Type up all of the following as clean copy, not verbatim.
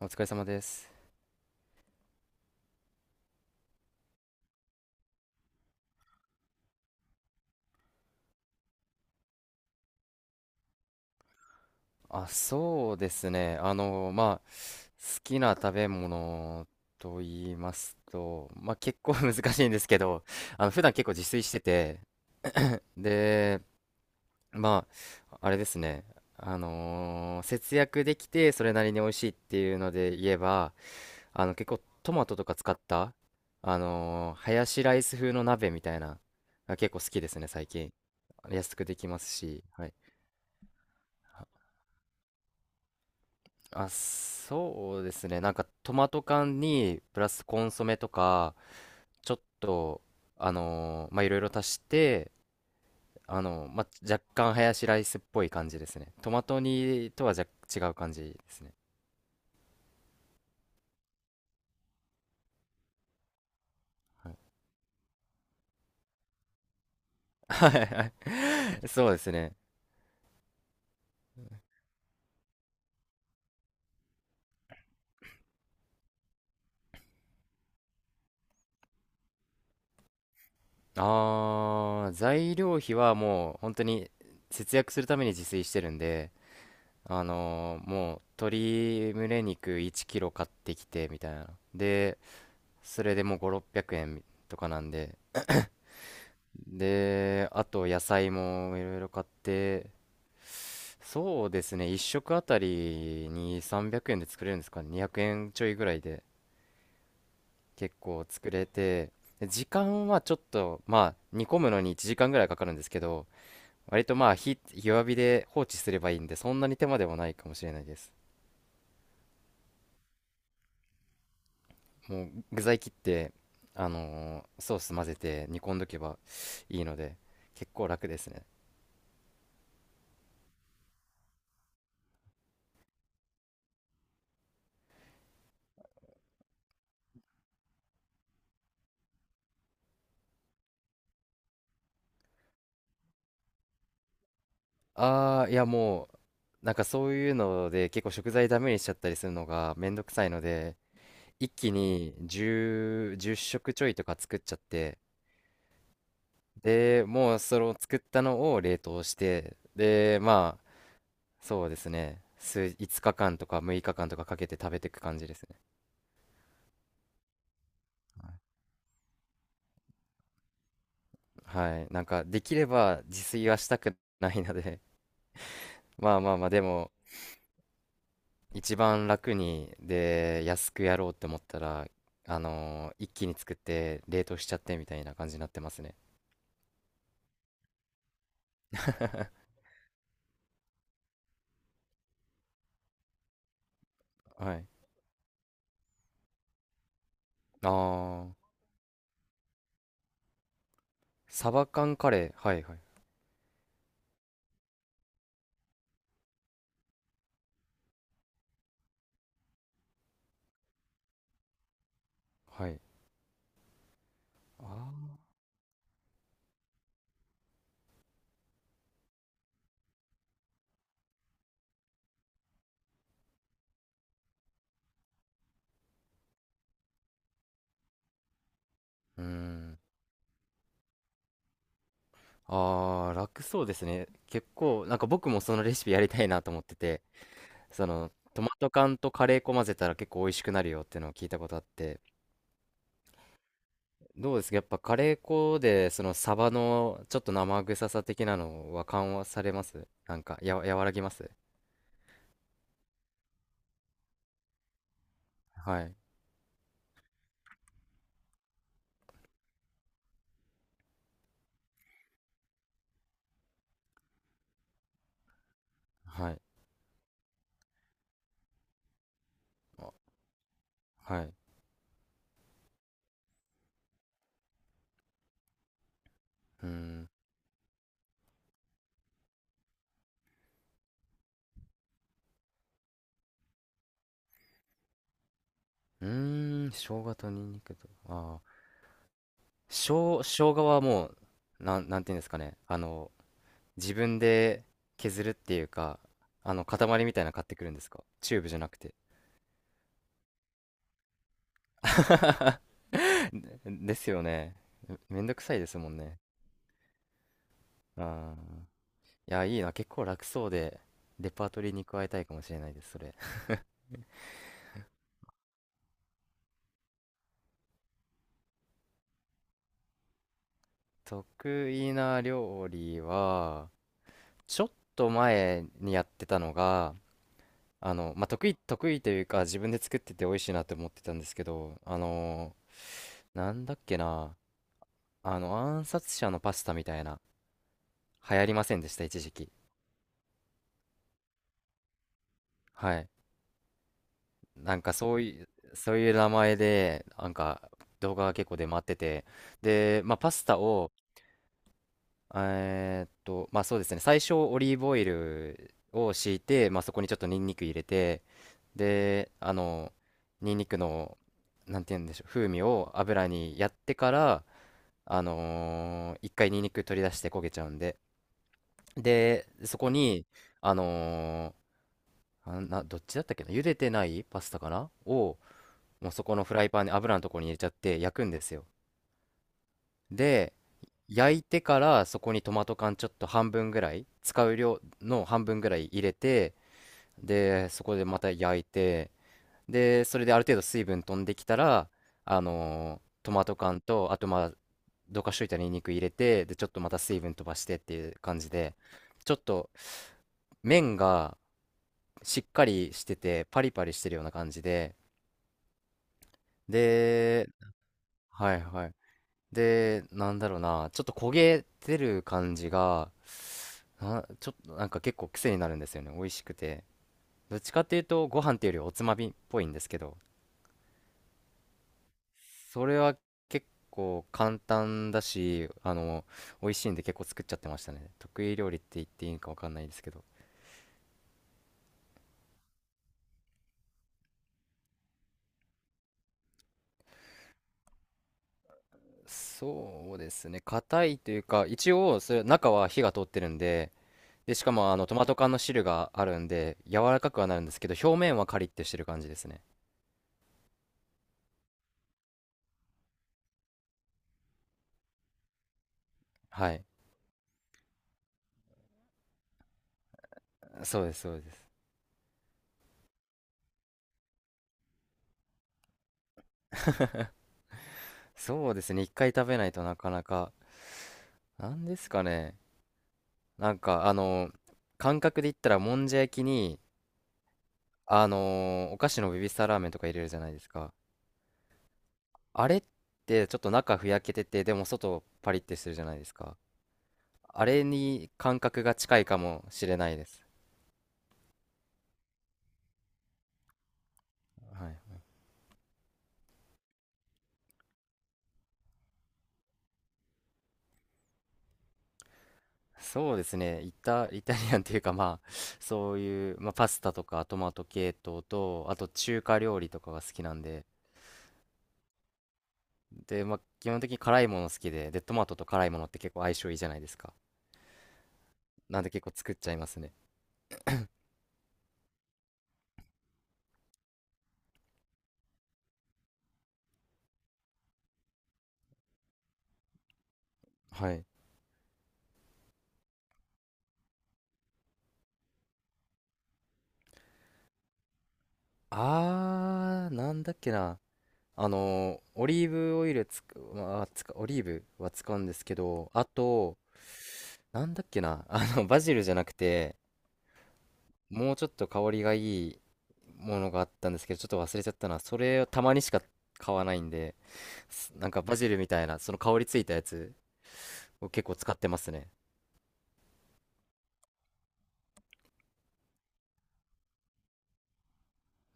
お疲れ様です。あ、そうですね。まあ、好きな食べ物と言いますと、まあ、結構 難しいんですけど、普段結構自炊してて、で、まあ、あれですね。節約できて、それなりに美味しいっていうので言えば、結構トマトとか使った、ハヤシライス風の鍋みたいな、が結構好きですね、最近。安くできますし、はい。あ、そうですね。なんかトマト缶にプラスコンソメとかちょっとまあいろいろ足して、まあ、若干ハヤシライスっぽい感じですね。トマト煮とはじゃ違う感じですね。はいはいはい。そうですね。あー、材料費はもう本当に節約するために自炊してるんで、もう鶏胸肉1キロ買ってきてみたいな。で、それでもう5、600円とかなんで。で、あと野菜もいろいろ買って、そうですね、1食あたりに300円で作れるんですかね、200円ちょいぐらいで結構作れて、で時間はちょっと、まあ、煮込むのに1時間ぐらいかかるんですけど、割とまあ火、弱火で放置すればいいんで、そんなに手間でもないかもしれないです。もう具材切って、ソース混ぜて煮込んどけばいいので、結構楽ですね。ああ、いやもう、なんかそういうので結構食材ダメにしちゃったりするのがめんどくさいので、一気に10、じゅっ食ちょいとか作っちゃって、で、もうその作ったのを冷凍して、で、まあ、そうですね、5日間とか6日間とかかけて食べていく感じですね。はい。なんかできれば自炊はしたくないので、まあまあまあ、でも、一番楽にで安くやろうって思ったら一気に作って冷凍しちゃってみたいな感じになってますね。 はい。あー、サバ缶カレー、はいはいはい。あー、うーん。あー、楽そうですね。結構なんか僕もそのレシピやりたいなと思ってて、そのトマト缶とカレー粉混ぜたら結構美味しくなるよっていうのを聞いたことあって。どうですか、やっぱカレー粉でそのサバのちょっと生臭さ的なのは緩和されます、なんか、和らぎます？はいはい。あ、はい。うーん、うーん、生姜とニンニクと、ああー、生姜はもう、なんていうんですかね、あの自分で削るっていうか、あの塊みたいなの買ってくるんですか？チューブじゃなくて。 ですよね、めんどくさいですもんね。ああ、いや、いいな。結構楽そうで、レパートリーに加えたいかもしれないです、それ。得意な料理は、ちょっと前にやってたのが、あの、まあ、得意というか、自分で作ってて美味しいなって思ってたんですけど、なんだっけな、あの、暗殺者のパスタみたいな、流行りませんでした、一時期。はい。なんかそういう、名前で、なんか、動画が結構出回ってて、で、まあ、パスタを、まあそうですね、最初オリーブオイルを敷いて、まあそこにちょっとニンニク入れて、で、あの、ニンニクの、なんて言うんでしょう、風味を油にやってから、一回ニンニク取り出して焦げちゃうんで、で、そこに、あのーあな、どっちだったっけな、茹でてないパスタかなを、もうそこのフライパンに油のところに入れちゃって焼くんですよ。で、焼いてからそこにトマト缶ちょっと半分ぐらい、使う量の半分ぐらい入れて、で、そこでまた焼いて、で、それである程度水分飛んできたら、トマト缶と、あとまあ、どかしといたニンニク入れて、で、ちょっとまた水分飛ばしてっていう感じで、ちょっと麺がしっかりしてて、パリパリしてるような感じで、で、はいはい。で、なんだろうな、ちょっと焦げてる感じが、あ、ちょっとなんか結構癖になるんですよね。美味しくて。どっちかっていうとご飯っていうよりおつまみっぽいんですけど、それは結構簡単だし、美味しいんで結構作っちゃってましたね。得意料理って言っていいのかわかんないですけど。そうですね。硬いというか、一応それ中は火が通ってるんで、で、しかもあのトマト缶の汁があるんで、柔らかくはなるんですけど、表面はカリッてしてる感じですね。はい。そうです、そうです。そうですね。一回食べないとなかなか。なんですかね。なんかあの感覚で言ったらもんじゃ焼きに、あのお菓子のベビースターラーメンとか入れるじゃないですか？あれってちょっと中ふやけててでも外パリってするじゃないですか？あれに感覚が近いかもしれないです。はい、そうですね、イタリアンっていうか、まあそういう、まあ、パスタとかトマト系統とあと中華料理とかが好きなんで、で、まあ、基本的に辛いもの好きで、トマトと辛いものって結構相性いいじゃないですか？なんで結構作っちゃいますね。はい。あー、なんだっけな。あの、オリーブオイルまあ、オリーブは使うんですけど、あと、なんだっけな。あの、バジルじゃなくて、もうちょっと香りがいいものがあったんですけど、ちょっと忘れちゃったな。それをたまにしか買わないんで、なんかバジルみたいな、その香りついたやつを結構使ってますね。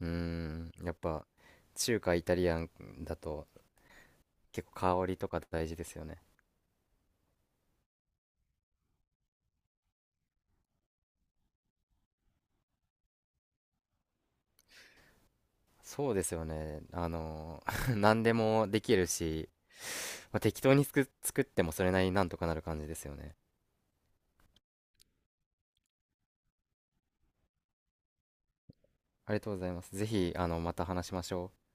うーん、やっぱ、中華イタリアンだと結構香りとか大事ですよね。そうですよね。あの、何でもできるし、まあ、適当に作ってもそれなりになんとかなる感じですよね。ありがとうございます。ぜひ、また話しましょう。